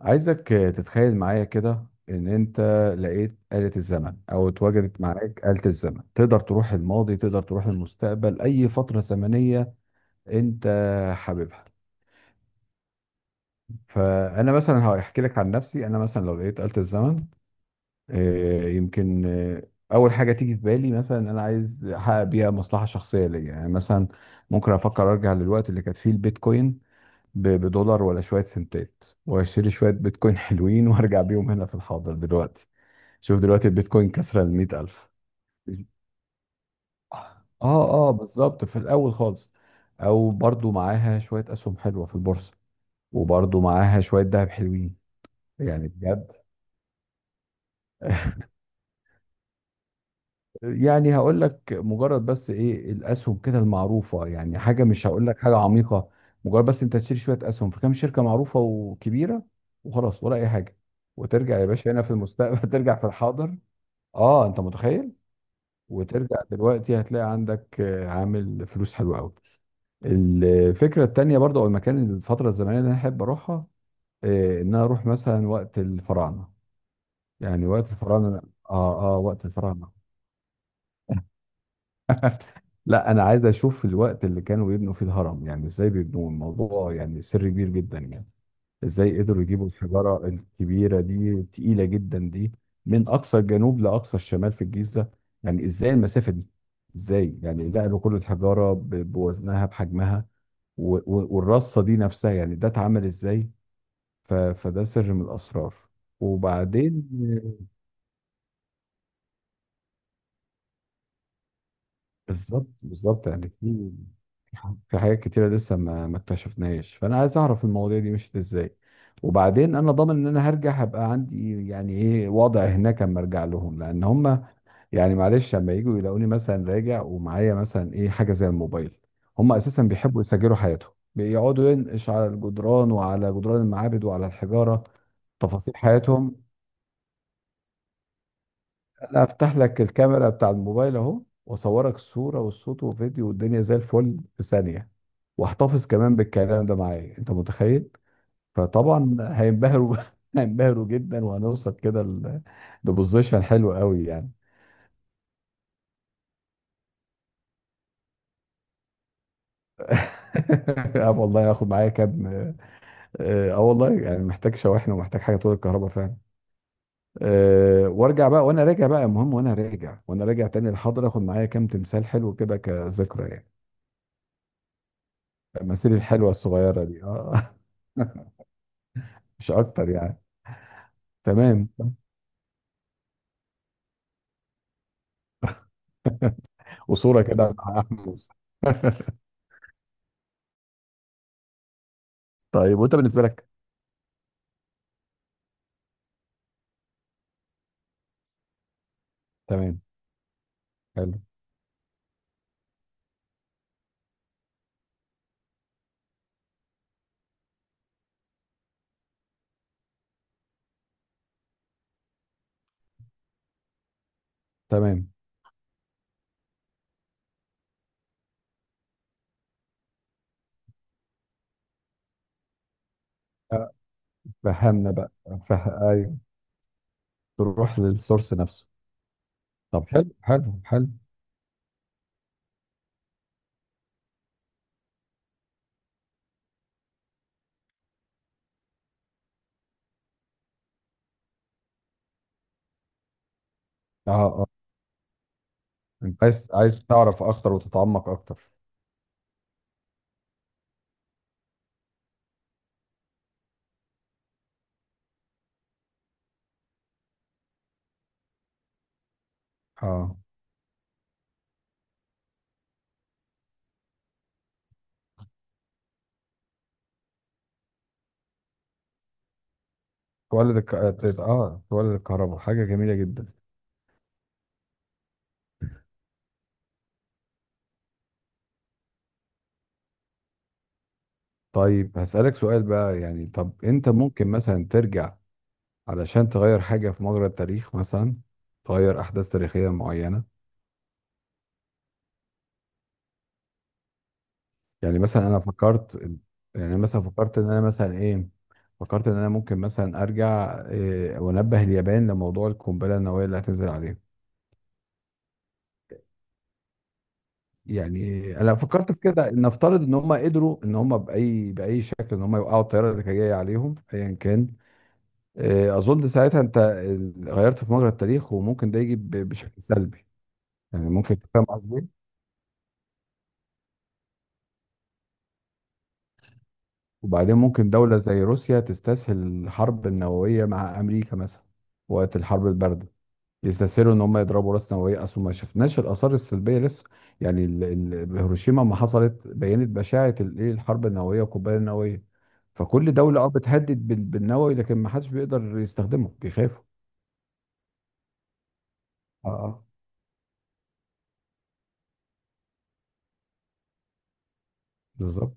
عايزك تتخيل معايا كده ان انت لقيت آلة الزمن، او اتوجدت معاك آلة الزمن، تقدر تروح الماضي، تقدر تروح المستقبل، اي فترة زمنية انت حاببها. فانا مثلا هحكي لك عن نفسي. انا مثلا لو لقيت آلة الزمن، آه، يمكن آه، اول حاجة تيجي في بالي مثلا ان انا عايز احقق بيها مصلحة شخصية ليا. يعني مثلا ممكن افكر ارجع للوقت اللي كانت فيه البيتكوين ب- بدولار ولا شوية سنتات، واشتري شوية بيتكوين حلوين وارجع بيهم هنا في الحاضر دلوقتي. شوف دلوقتي البيتكوين كسر ال 100,000. اه اه بالظبط، في الاول خالص، او برضو معاها شويه اسهم حلوه في البورصه، وبرضو معاها شويه ذهب حلوين، يعني بجد. يعني هقول لك مجرد بس ايه الاسهم كده المعروفه، يعني حاجه مش هقول لك حاجه عميقه، مجرد بس انت تشتري شويه اسهم في كام شركه معروفه وكبيره، وخلاص، ولا اي حاجه، وترجع يا باشا هنا في المستقبل. ترجع في الحاضر. اه انت متخيل، وترجع دلوقتي هتلاقي عندك عامل فلوس حلوة قوي. الفكرة التانية برضه، أو المكان، الفترة الزمنية اللي أنا أحب أروحها، إن أنا أروح مثلا وقت الفراعنة. يعني وقت الفراعنة. آه آه وقت الفراعنة. لا أنا عايز أشوف الوقت اللي كانوا بيبنوا فيه الهرم. يعني إزاي بيبنوا الموضوع؟ يعني سر كبير جدا يعني. ازاي قدروا يجيبوا الحجارة الكبيرة دي، تقيلة جدا دي، من أقصى الجنوب لأقصى الشمال في الجيزة؟ يعني ازاي المسافة دي؟ ازاي يعني نقلوا كل الحجارة بوزنها بحجمها، والرصة دي نفسها، يعني ده اتعمل ازاي؟ فده سر من الأسرار. وبعدين بالظبط بالظبط، يعني في، في حاجات كتيرة لسه ما اكتشفناهاش، فأنا عايز أعرف المواضيع دي مشيت إزاي. وبعدين أنا ضامن إن أنا هرجع هبقى عندي يعني إيه وضع هناك أما أرجع لهم، لأن هم يعني معلش لما يجوا يلاقوني مثلا راجع ومعايا مثلا إيه، حاجة زي الموبايل. هم أساسا بيحبوا يسجلوا حياتهم، بيقعدوا ينقش على الجدران وعلى جدران المعابد وعلى الحجارة تفاصيل حياتهم. انا افتح لك الكاميرا بتاع الموبايل اهو، واصورك الصوره والصوت وفيديو والدنيا زي الفل في ثانيه، واحتفظ كمان بالكلام ده معايا، انت متخيل؟ فطبعا هينبهروا. هينبهروا جدا، وهنوصل كده ل- لبوزيشن حلو قوي يعني. اه والله هاخد معايا كام، اه، والله يعني محتاج شواحن ومحتاج حاجه، طول الكهرباء فعلا. أه وارجع بقى، وانا راجع بقى المهم، وانا راجع، وانا راجع تاني الحاضر، اخد معايا كام تمثال حلو كده كذكرى يعني. التماثيل الحلوه الصغيره دي، اه. مش اكتر يعني. تمام، وصوره كده مع احمد. طيب وانت بالنسبه لك؟ تمام. حلو. تمام. آه، فهمنا بقى. ايوه، تروح للسورس نفسه. طب حلو حلو حلو. اه اه انت عايز، تعرف اكتر وتتعمق اكتر. اه تولد الك... اه تت- آه، تولد الكهرباء، حاجه جميله جدا. طيب هسألك سؤال بقى، يعني طب انت ممكن مثلا ترجع علشان تغير حاجة في مجرى التاريخ مثلا؟ تغير أحداث تاريخية معينة. يعني مثلا أنا فكرت، يعني أنا مثلا فكرت إن أنا مثلا إيه، فكرت إن أنا ممكن مثلا أرجع إيه، وأنبه اليابان لموضوع القنبلة النووية اللي هتنزل عليهم. يعني أنا فكرت في كده، نفترض إن هم قدروا إن هم بأي شكل إن هم يوقعوا الطيارة اللي كانت جاية عليهم أيا كان. إيه أظن ساعتها أنت غيرت في مجرى التاريخ، وممكن ده يجي بشكل سلبي. يعني ممكن، فاهم قصدي؟ وبعدين ممكن دولة زي روسيا تستسهل الحرب النووية مع أمريكا مثلا، وقت الحرب الباردة. يستسهلوا إن هم يضربوا رأس نووية، أصل ما شفناش الآثار السلبية لسه. يعني هيروشيما ما حصلت، بينت بشاعة إيه الحرب النووية والقنبلة النووية. فكل دولة أه بتهدد بال- بالنووي، لكن ما حدش بيقدر يستخدمه، بيخافوا. اه بالظبط.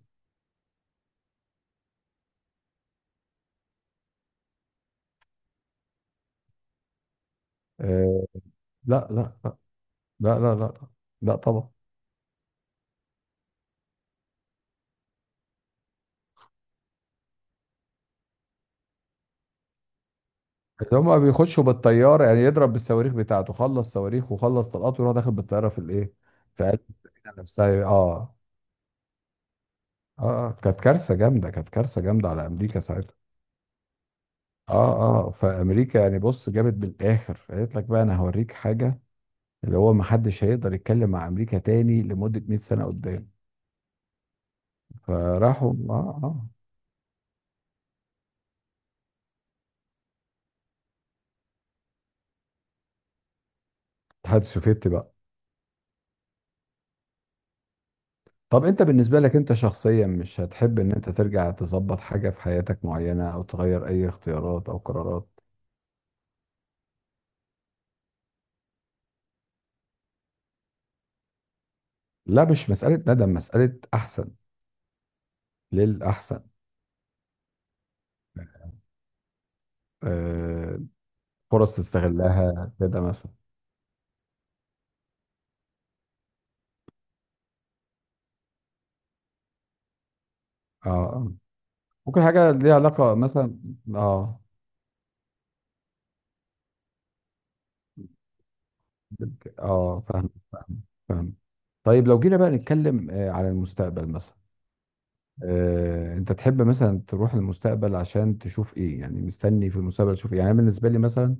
آه لا لا، لا لا لا لا طبعا. اللي هما بيخشوا بالطياره يعني، يضرب بالصواريخ بتاعته، خلص صواريخ وخلص طلقاته، ويروح داخل بالطياره في الايه، في قلب السفينه نفسها. اه اه. آه، كانت كارثه جامده، كانت كارثه جامده على امريكا ساعتها. اه اه. فامريكا يعني، بص، جابت بالاخر قالت لك بقى انا هوريك حاجه، اللي هو ما حدش هيقدر يتكلم مع امريكا تاني لمده 100 سنه قدام. فراحوا اه اه الاتحاد السوفيتي بقى. طب انت بالنسبه لك انت شخصيا، مش هتحب ان انت ترجع تظبط حاجه في حياتك معينه، او تغير اي اختيارات او قرارات؟ لا مش مسألة ندم، مسألة أحسن للأحسن. آه، فرص تستغلها كده مثلا. اه آه. ممكن حاجة ليها علاقة مثلا. اه اه فاهم فاهم فاهم. طيب لو جينا بقى نتكلم على المستقبل مثلا، انت تحب مثلا تروح المستقبل عشان تشوف ايه؟ يعني مستني في المستقبل تشوف ايه؟ يعني أنا بالنسبه لي مثلا،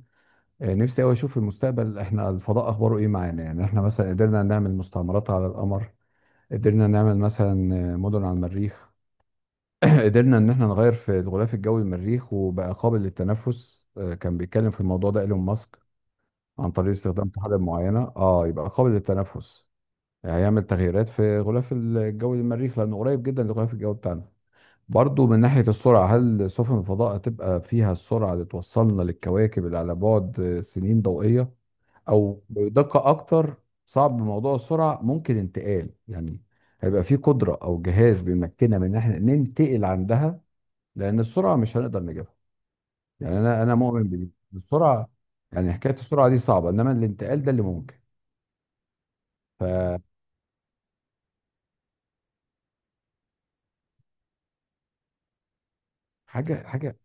نفسي قوي اشوف في المستقبل احنا الفضاء اخباره ايه معانا. يعني احنا مثلا قدرنا نعمل مستعمرات على القمر؟ قدرنا نعمل مثلا مدن على المريخ؟ قدرنا ان احنا نغير في الغلاف الجوي للمريخ وبقى قابل للتنفس؟ كان بيتكلم في الموضوع ده ايلون ماسك، عن طريق استخدام طحالب معينه، اه، يبقى قابل للتنفس. يعني هيعمل تغييرات في غلاف الجوي للمريخ، لانه قريب جدا للغلاف الجوي بتاعنا. برضو من ناحيه السرعه، هل سفن الفضاء هتبقى فيها السرعه اللي توصلنا للكواكب اللي على بعد سنين ضوئيه، او بدقه اكتر، صعب موضوع السرعه. ممكن انتقال يعني، هيبقى في قدره او جهاز بيمكننا من ان احنا ننتقل عندها، لان السرعه مش هنقدر نجيبها. يعني انا، مؤمن بدي السرعه، يعني حكايه السرعه دي صعبه، انما الانتقال ده اللي ممكن. فحاجه حاجه،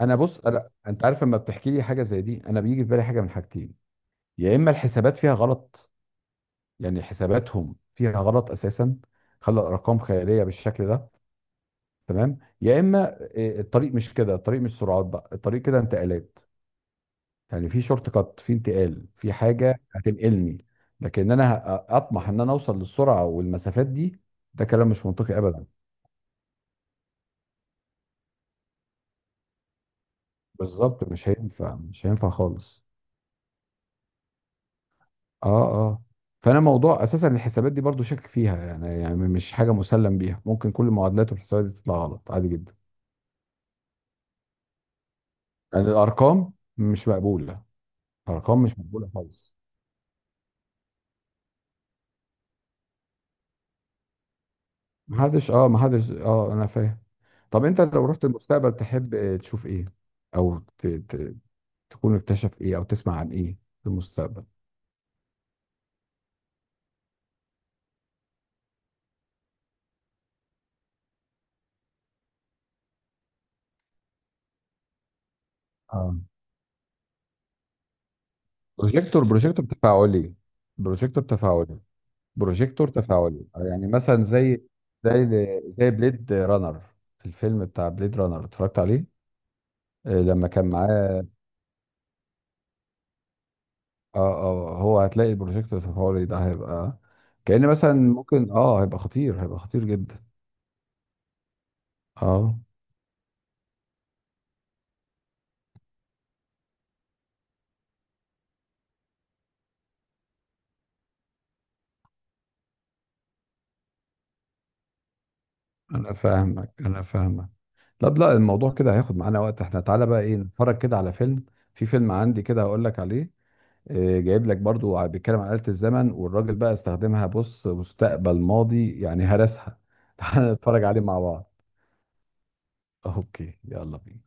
انا بص، انت عارف لما بتحكي لي حاجه زي دي، انا بيجي في بالي حاجه من حاجتين. يا اما الحسابات فيها غلط، يعني حساباتهم فيها غلط اساسا، خلى الارقام خياليه بالشكل ده، تمام؟ يا اما الطريق مش كده، الطريق مش سرعات بقى، الطريق كده انتقالات. يعني في شورت كات، في انتقال، في حاجه هتنقلني. لكن انا اطمح ان انا اوصل للسرعه والمسافات دي، ده كلام مش منطقي ابدا. بالظبط، مش هينفع، مش هينفع خالص. اه اه فانا موضوع اساسا الحسابات دي برضو شاكك فيها، يعني يعني مش حاجه مسلم بيها، ممكن كل المعادلات والحسابات دي تطلع غلط عادي جدا. يعني الارقام مش مقبوله، ارقام مش مقبوله خالص. محدش، اه، محدش، اه، انا فاهم. طب انت لو رحت المستقبل، تحب تشوف ايه، او تكون اكتشف ايه، او تسمع عن ايه في المستقبل؟ اه، بروجيكتور، بروجيكتور تفاعلي. بروجيكتور تفاعلي. بروجيكتور تفاعلي يعني مثلا، زي، زي زي بليد رانر. في الفيلم بتاع بليد رانر، اتفرجت عليه؟ لما كان معاه، اه اه، هو هتلاقي البروجيكتور التفاعلي ده هيبقى كأن مثلا، ممكن اه هيبقى خطير، هيبقى خطير جدا. اه انا فاهمك، انا فاهمك. لا لا، الموضوع كده هياخد معانا وقت، احنا تعالى بقى ايه، نتفرج كده على فيلم. في فيلم عندي كده هقول لك عليه، جايب لك برضو بيتكلم عن آلة الزمن، والراجل بقى استخدمها بص، مستقبل، ماضي، يعني هرسها. تعال نتفرج عليه مع بعض. اوكي، يلا بينا.